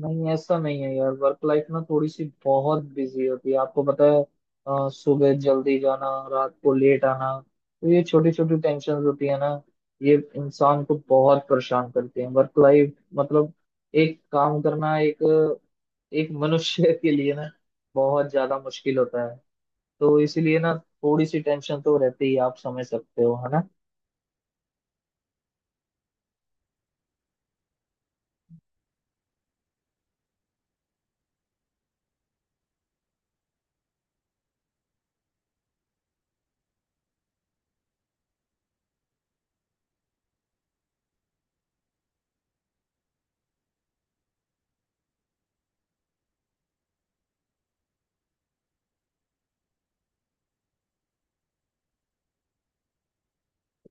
नहीं, ऐसा नहीं है यार। वर्क लाइफ ना थोड़ी सी बहुत बिजी होती है, आपको पता है। सुबह जल्दी जाना, रात को लेट आना, तो ये छोटी छोटी टेंशन होती है ना। ये इंसान को बहुत परेशान करती है। वर्क लाइफ मतलब एक काम करना, एक एक मनुष्य के लिए ना बहुत ज्यादा मुश्किल होता है। तो इसीलिए ना थोड़ी सी टेंशन तो रहती ही। आप समझ सकते हो, है ना।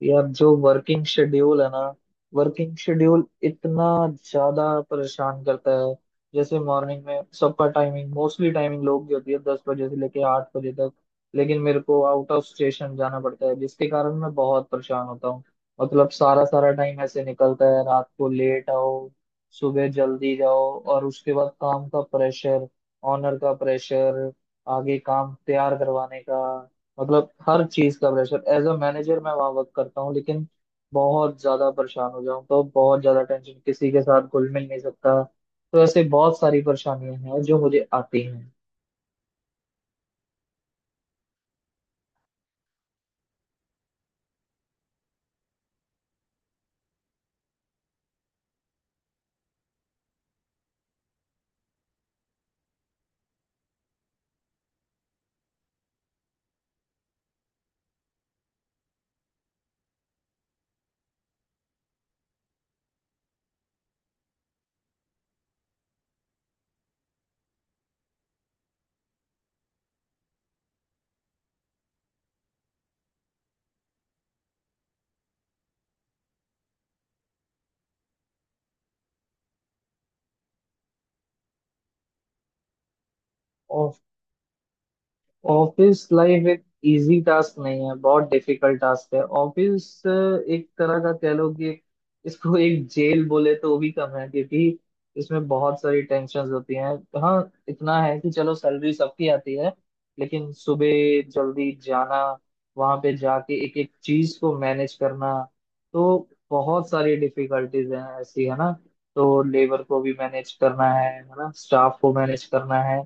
यार, जो वर्किंग शेड्यूल है ना, वर्किंग शेड्यूल इतना ज्यादा परेशान करता है। जैसे मॉर्निंग में सबका टाइमिंग, मोस्टली टाइमिंग लोग की होती है 10 बजे से लेके 8 बजे तक। लेकिन मेरे को आउट ऑफ स्टेशन जाना पड़ता है, जिसके कारण मैं बहुत परेशान होता हूँ। मतलब सारा सारा टाइम ऐसे निकलता है, रात को लेट आओ, सुबह जल्दी जाओ, और उसके बाद काम का प्रेशर, ऑनर का प्रेशर, आगे काम तैयार करवाने का, मतलब हर चीज का प्रेशर। एज अ मैनेजर मैं वहां वर्क करता हूँ, लेकिन बहुत ज्यादा परेशान हो जाऊँ तो बहुत ज्यादा टेंशन, किसी के साथ घुल मिल नहीं सकता। तो ऐसे बहुत सारी परेशानियां हैं जो मुझे आती हैं। ऑफिस लाइफ एक इजी टास्क नहीं है, बहुत डिफिकल्ट टास्क है। ऑफिस एक तरह का कह लो कि इसको एक जेल बोले तो वो भी कम है, क्योंकि इसमें बहुत सारी टेंशन होती हैं। हाँ, इतना है कि चलो सैलरी सबकी आती है। लेकिन सुबह जल्दी जाना, वहां पे जाके एक एक चीज को मैनेज करना, तो बहुत सारी डिफिकल्टीज हैं ऐसी, है ना। तो लेबर को भी मैनेज करना है ना, स्टाफ को मैनेज करना है,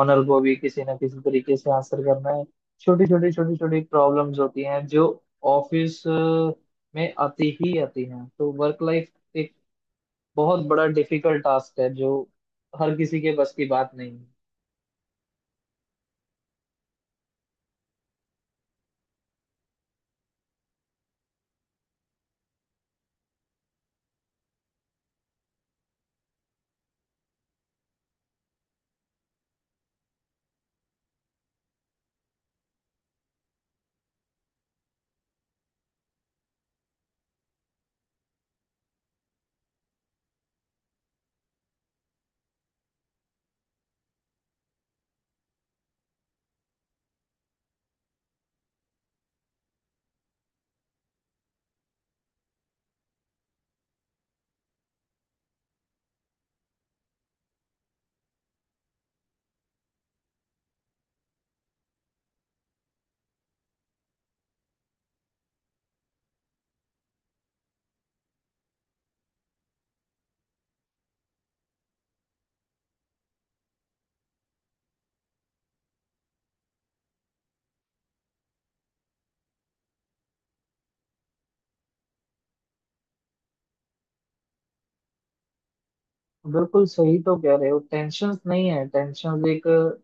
ऑनर को भी किसी ना किसी तरीके से आंसर करना है। छोटी छोटी छोटी छोटी प्रॉब्लम्स होती हैं जो ऑफिस में आती ही आती हैं। तो वर्क लाइफ एक बहुत बड़ा डिफिकल्ट टास्क है, जो हर किसी के बस की बात नहीं है। बिल्कुल सही तो कह रहे हो। टेंशन नहीं है, टेंशन एक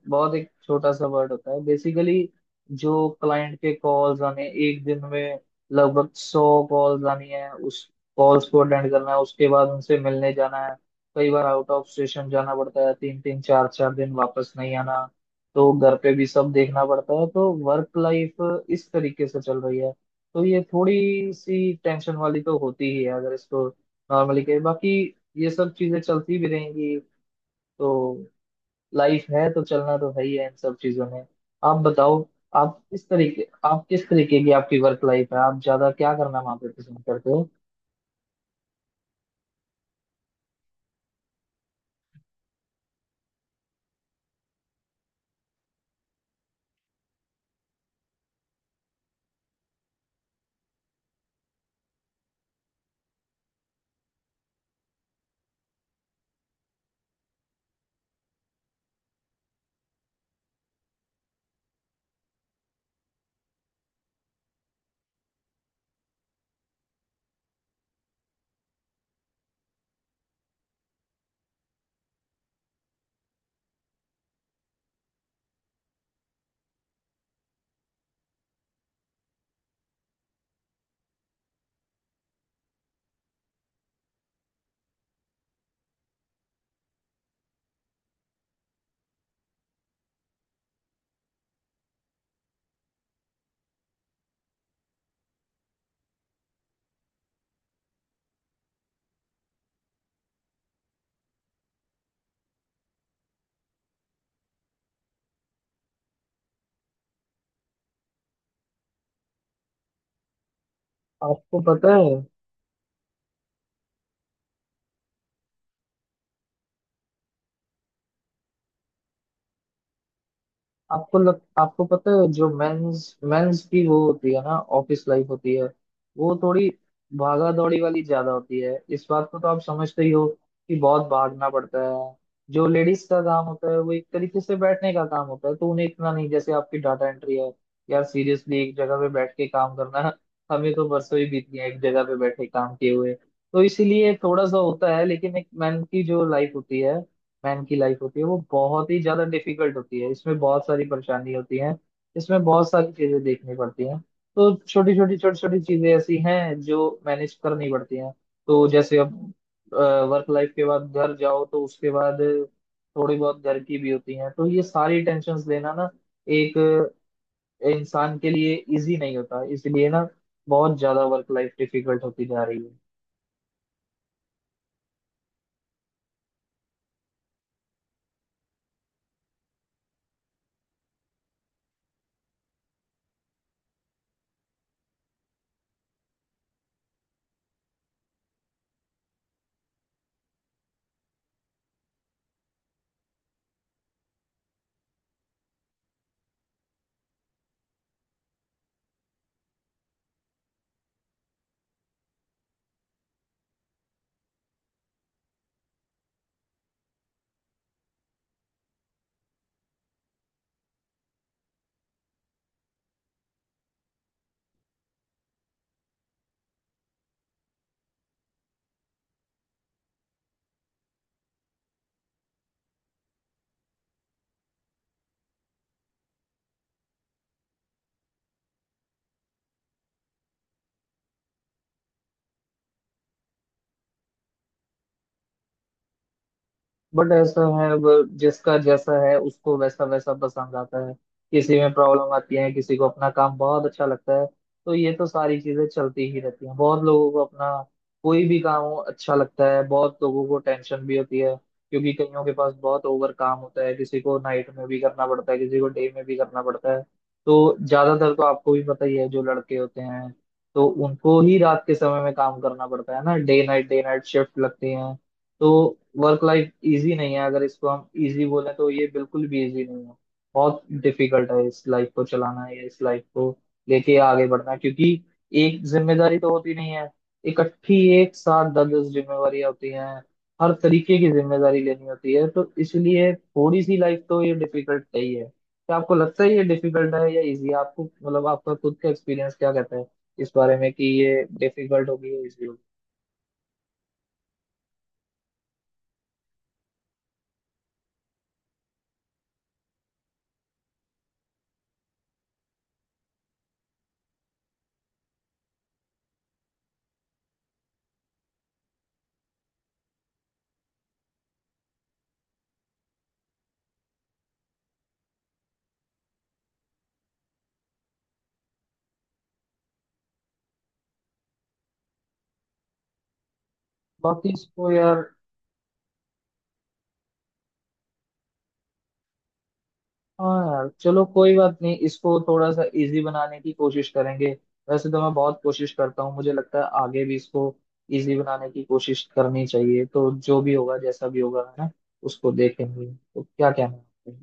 बहुत, एक छोटा सा वर्ड होता है बेसिकली। जो क्लाइंट के कॉल्स आने, एक दिन में लगभग 100 कॉल्स आनी है, उस कॉल्स को अटेंड करना है, उसके बाद उनसे मिलने जाना है। कई बार आउट ऑफ स्टेशन जाना पड़ता है, तीन तीन चार चार दिन वापस नहीं आना। तो घर पे भी सब देखना पड़ता है। तो वर्क लाइफ इस तरीके से चल रही है। तो ये थोड़ी सी टेंशन वाली तो होती ही है, अगर इसको नॉर्मली कहे। बाकी ये सब चीजें चलती भी रहेंगी। तो लाइफ है तो चलना तो है ही है इन सब चीजों में। आप बताओ। आप किस तरीके की आपकी वर्क लाइफ है, आप ज्यादा क्या करना वहां पे पसंद करते हो? आपको पता है। आपको पता है जो मेंस मेंस की वो होती है ना, ऑफिस लाइफ होती है, वो थोड़ी भागा दौड़ी वाली ज्यादा होती है। इस बात को तो आप समझते ही हो कि बहुत भागना पड़ता है। जो लेडीज का काम होता है वो एक तरीके से बैठने का काम होता है, तो उन्हें इतना नहीं। जैसे आपकी डाटा एंट्री है, यार सीरियसली एक जगह पे बैठ के काम करना, हमें तो बरसों ही बीत गए एक जगह पे बैठे काम किए हुए। तो इसीलिए थोड़ा सा होता है, लेकिन एक मैन की जो लाइफ होती है, मैन की लाइफ होती है, वो बहुत ही ज्यादा डिफिकल्ट होती है। इसमें बहुत सारी परेशानी होती है, इसमें बहुत सारी चीजें देखनी पड़ती हैं। तो छोटी छोटी छोटी छोटी चीजें ऐसी हैं जो मैनेज करनी पड़ती हैं। तो जैसे अब वर्क लाइफ के बाद घर जाओ, तो उसके बाद थोड़ी बहुत घर की भी होती हैं। तो ये सारी टेंशन्स लेना ना एक इंसान के लिए इजी नहीं होता। इसलिए ना बहुत ज्यादा वर्क लाइफ डिफिकल्ट होती जा रही है। बट ऐसा है, वो जिसका जैसा है उसको वैसा वैसा पसंद आता है। किसी में प्रॉब्लम आती है, किसी को अपना काम बहुत अच्छा लगता है। तो ये तो सारी चीजें चलती ही रहती हैं। बहुत लोगों को अपना कोई भी काम हो अच्छा लगता है, बहुत लोगों को टेंशन भी होती है, क्योंकि कईयों के पास बहुत ओवर काम होता है। किसी को नाइट में भी करना पड़ता है, किसी को डे में भी करना पड़ता है। तो ज्यादातर तो आपको भी पता ही है, जो लड़के होते हैं, तो उनको ही रात के समय में काम करना पड़ता है ना, डे नाइट शिफ्ट लगती है। तो वर्क लाइफ इजी नहीं है। अगर इसको हम इजी बोलें तो ये बिल्कुल भी इजी नहीं है। बहुत डिफिकल्ट है इस लाइफ को चलाना, है या इस लाइफ को लेके आगे बढ़ना। क्योंकि एक जिम्मेदारी तो होती नहीं है, इकट्ठी एक साथ दस दस जिम्मेवारियां होती हैं। हर तरीके की जिम्मेदारी लेनी होती है। तो इसलिए थोड़ी सी लाइफ तो ये डिफिकल्ट है ही है। क्या आपको लगता है ये डिफिकल्ट है या इजी? आपको मतलब आपका खुद का एक्सपीरियंस क्या कहता है इस बारे में, कि ये डिफिकल्ट होगी या इजी होगी? बाकी इसको यार, हाँ यार चलो कोई बात नहीं, इसको थोड़ा सा इजी बनाने की कोशिश करेंगे। वैसे तो मैं बहुत कोशिश करता हूँ, मुझे लगता है आगे भी इसको इजी बनाने की कोशिश करनी चाहिए। तो जो भी होगा, जैसा भी होगा, है ना, उसको देखेंगे। तो क्या कहना है।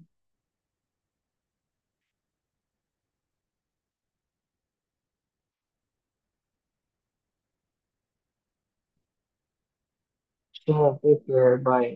Sure, okay bye.